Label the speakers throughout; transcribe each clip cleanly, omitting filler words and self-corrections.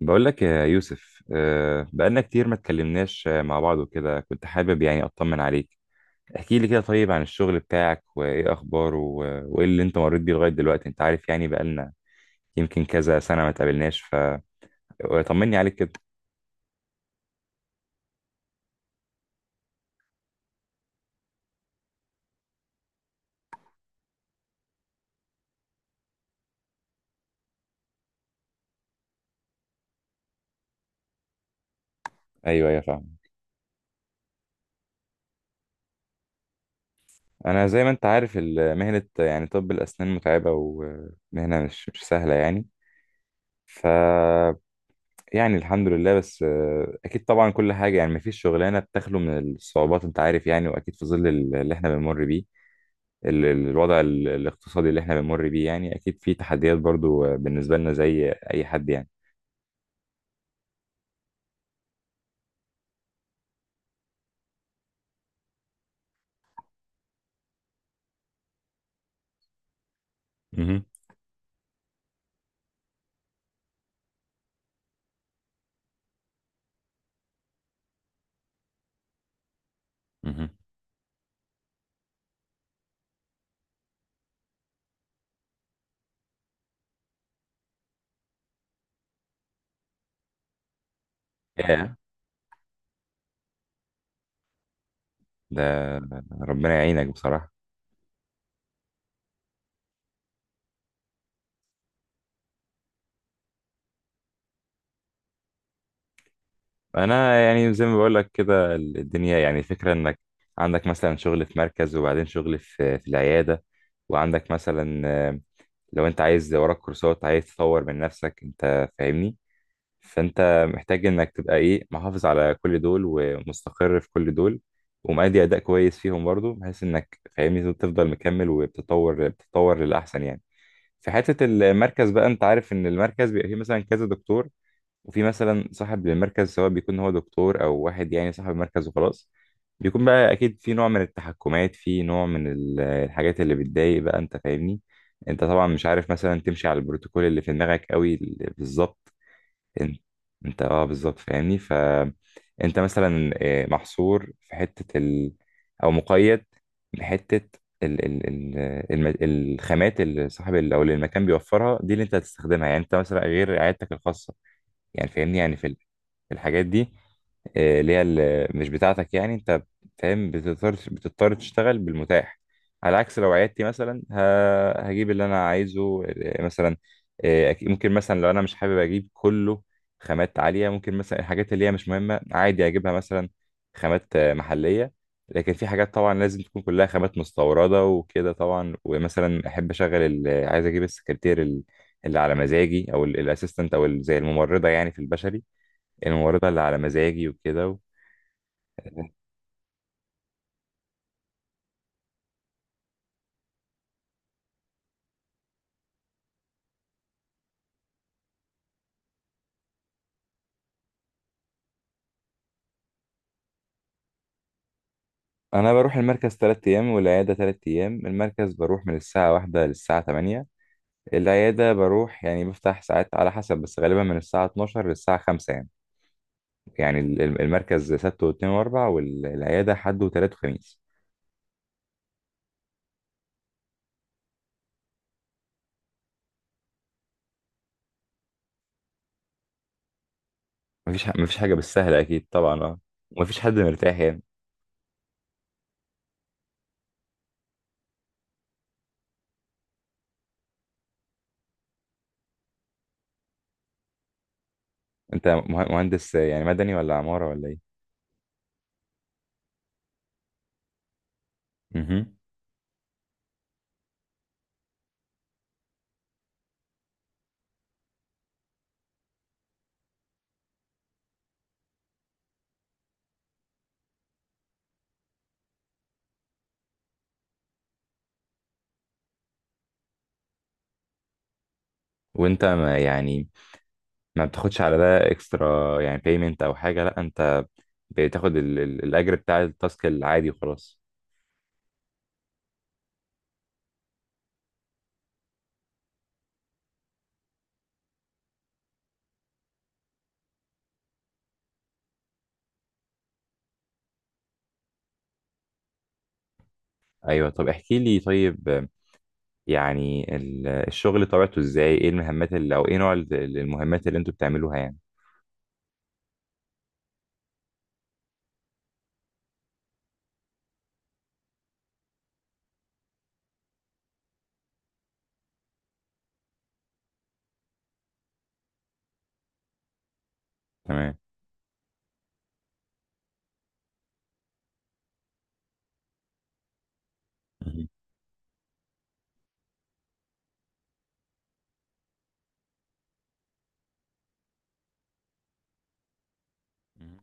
Speaker 1: بقول لك يا يوسف، آه، بقالنا كتير ما اتكلمناش، مع بعض وكده كنت حابب يعني اطمن عليك. احكي لي كده طيب عن الشغل بتاعك وايه اخباره وايه اللي انت مريت بيه لغاية دلوقتي. انت عارف، يعني بقالنا يمكن كذا سنة ما اتقابلناش، فطمني عليك كده. ايوه، ايوه، فاهم. انا زي ما انت عارف، مهنة يعني طب الاسنان متعبة، ومهنة مش سهلة يعني. ف يعني الحمد لله، بس اكيد طبعا كل حاجه، يعني مفيش شغلانه بتخلو من الصعوبات، انت عارف يعني. واكيد في ظل اللي احنا بنمر بيه، الوضع الاقتصادي اللي احنا بنمر بيه، يعني اكيد في تحديات برضو، بالنسبة لنا زي اي حد يعني. مهم. مهم. ياه. ده ربنا يعينك بصراحة. أنا يعني زي ما بقولك كده، الدنيا، يعني الفكرة إنك عندك مثلا شغل في مركز، وبعدين شغل في العيادة، وعندك مثلا لو أنت عايز وراك كورسات، عايز تطور من نفسك، أنت فاهمني. فانت محتاج انك تبقى ايه، محافظ على كل دول ومستقر في كل دول، ومأدي اداء كويس فيهم برضو، بحيث انك فاهمني تفضل مكمل وبتطور، بتطور للاحسن يعني. في حته المركز بقى، انت عارف ان المركز بيبقى فيه مثلا كذا دكتور، وفي مثلا صاحب للمركز، سواء بيكون هو دكتور او واحد يعني صاحب المركز وخلاص، بيكون بقى اكيد في نوع من التحكمات، في نوع من الحاجات اللي بتضايق بقى، انت فاهمني. انت طبعا مش عارف مثلا تمشي على البروتوكول اللي في دماغك قوي بالظبط. انت انت، اه، بالظبط، فاهمني. فانت مثلا محصور في حته او مقيد بحته، ال... ال... ال... الخامات اللي صاحب او اللي المكان بيوفرها دي، اللي انت هتستخدمها. يعني انت مثلا غير عيادتك الخاصه، يعني فاهمني، يعني في الحاجات دي، اللي هي مش بتاعتك، يعني انت فاهم، بتضطر تشتغل بالمتاح. على عكس لو عيادتي مثلا، هجيب اللي انا عايزه، مثلا، ممكن مثلا لو انا مش حابب اجيب كله خامات عالية، ممكن مثلا الحاجات اللي هي مش مهمة عادي اجيبها، مثلا خامات محلية. لكن في حاجات طبعا لازم تكون كلها خامات مستوردة وكده طبعا، ومثلا احب اشغل عايز اجيب السكرتير اللي على مزاجي، او الاسيستنت، او زي الممرضة يعني في البشري، الممرضة اللي على مزاجي وكده. انا بروح المركز 3 ايام، والعياده 3 ايام. المركز بروح من الساعه واحدة للساعه تمانية، العياده بروح يعني بفتح ساعات على حسب، بس غالبا من الساعه 12 للساعه 5 يعني. يعني المركز سبت واثنين واربع، والعياده حد وتلات وخميس. مفيش حاجه بالسهله اكيد طبعا، اه. ومفيش حد مرتاح يعني. انت مهندس يعني، مدني ولا عماره ولا ايه؟ مهم. وانت ما يعني، ما بتاخدش على ده اكسترا يعني، بيمنت او حاجه؟ لا انت بتاخد الاجر بتاع التاسك العادي وخلاص. ايوه، طب احكي لي طيب، يعني الشغل طبيعته ازاي، ايه المهمات اللي، او ايه نوع المهمات اللي انتوا بتعملوها يعني؟ تمام. مهم. مهم.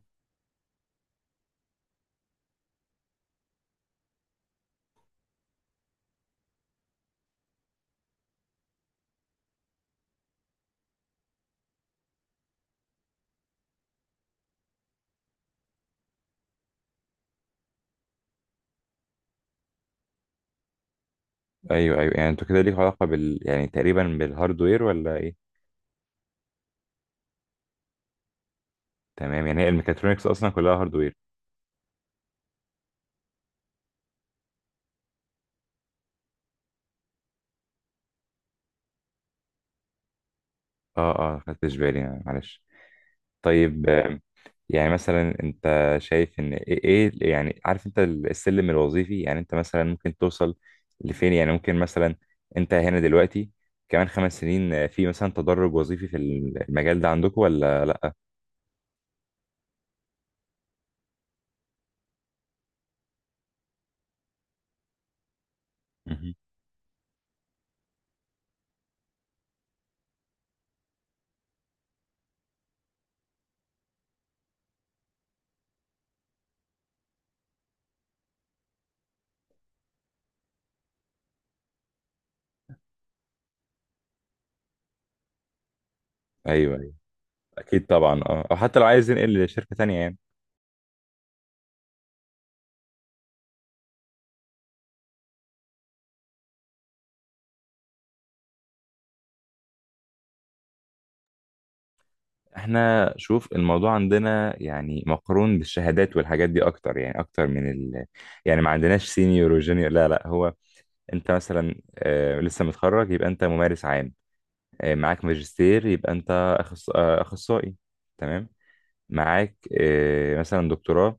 Speaker 1: ايوه، ايوه. يعني انتوا كده ليكوا علاقه بال، يعني تقريبا بالهاردوير ولا ايه؟ تمام، يعني هي الميكاترونكس اصلا كلها هاردوير. اه اه، خدتش بالي، معلش. طيب، يعني مثلا انت شايف ان ايه، يعني عارف انت السلم الوظيفي، يعني انت مثلا ممكن توصل لفين؟ يعني ممكن مثلا انت هنا دلوقتي، كمان 5 سنين، في مثلا تدرج وظيفي في المجال ده عندكم ولا لا؟ مهم. ايوه، ايوه. اكيد طبعا اه، او حتى لو عايز ينقل لشركة تانية يعني. احنا شوف الموضوع عندنا يعني مقرون بالشهادات والحاجات دي اكتر، يعني اكتر من ال، يعني ما عندناش سينيور وجونيور، لا لا. هو انت مثلا لسه متخرج يبقى انت ممارس عام، معاك ماجستير يبقى انت أخص... آه، اخصائي. تمام. معاك مثلا دكتوراه،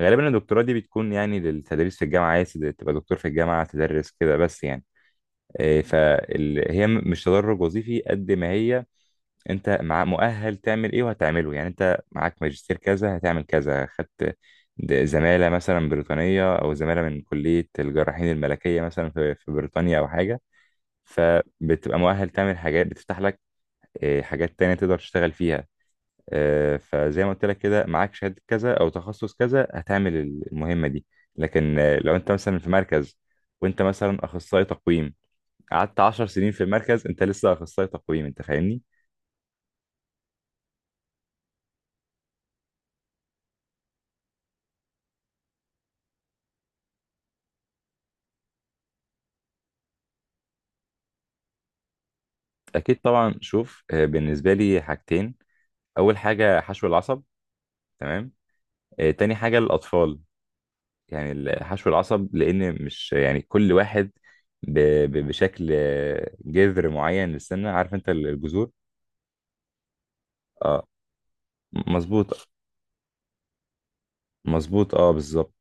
Speaker 1: غالبا الدكتوراه دي بتكون يعني للتدريس في الجامعه، عايز تبقى دكتور في الجامعه تدرس كده بس يعني. فهي مش تدرج وظيفي قد ما هي انت مع مؤهل تعمل ايه وهتعمله، يعني انت معاك ماجستير كذا هتعمل كذا، خدت زماله مثلا بريطانيه، او زماله من كليه الجراحين الملكيه مثلا في بريطانيا او حاجه، فبتبقى مؤهل تعمل حاجات بتفتح لك حاجات تانية تقدر تشتغل فيها. فزي ما قلت لك كده، معاك شهادة كذا أو تخصص كذا هتعمل المهمة دي. لكن لو أنت مثلا في مركز وأنت مثلا أخصائي تقويم، قعدت 10 سنين في المركز أنت لسه أخصائي تقويم، أنت فاهمني؟ أكيد طبعا. شوف بالنسبة لي حاجتين. أول حاجة حشو العصب. تمام. تاني حاجة الأطفال. يعني الحشو العصب، لان مش يعني كل واحد ب... بشكل جذر معين للسنه، عارف انت الجذور. اه، مظبوط. مظبوط، اه، بالظبط.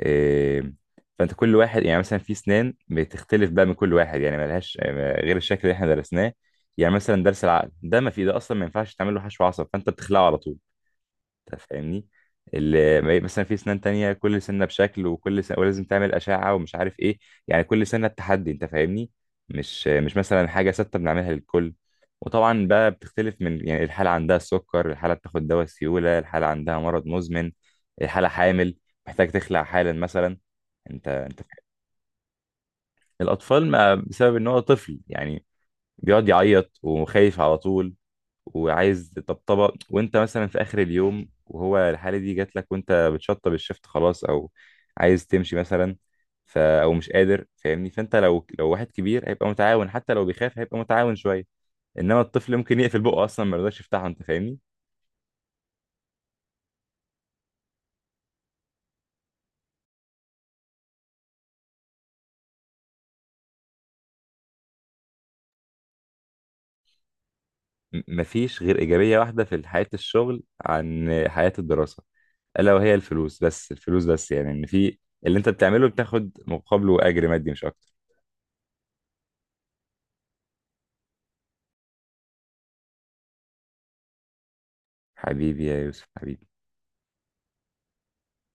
Speaker 1: إيه... فانت كل واحد يعني مثلا في سنان بتختلف بقى من كل واحد، يعني ملهاش غير الشكل اللي احنا درسناه. يعني مثلا درس العقل ده ما في، ده اصلا ما ينفعش تعمل له حشو عصب، فانت بتخلعه على طول. انت فاهمني. اللي مثلا في سنان تانية كل سنة بشكل، وكل سنة ولازم تعمل أشعة ومش عارف إيه، يعني كل سنة التحدي، أنت فاهمني. مش مثلا حاجة ثابتة بنعملها للكل. وطبعا بقى بتختلف من، يعني الحالة عندها السكر، الحالة بتاخد دواء سيولة، الحالة عندها مرض مزمن، الحالة حامل، محتاج تخلع حالا مثلا. أنت فاهم. الأطفال ما بسبب إن هو طفل يعني، بيقعد يعيط وخايف على طول، وعايز طبطبه، وانت مثلا في اخر اليوم وهو الحاله دي جات لك، وانت بتشطب الشفت خلاص، او عايز تمشي مثلا، ف او مش قادر فاهمني. فانت لو واحد كبير هيبقى متعاون، حتى لو بيخاف هيبقى متعاون شويه، انما الطفل ممكن يقفل بقه اصلا ما يرضاش يفتحه. انت فاهمني. مفيش غير ايجابيه واحده في حياه الشغل عن حياه الدراسه، الا وهي الفلوس، بس الفلوس بس يعني، ان في اللي انت بتعمله بتاخد مقابله اجر مادي، مش اكتر. حبيبي يا يوسف، حبيبي.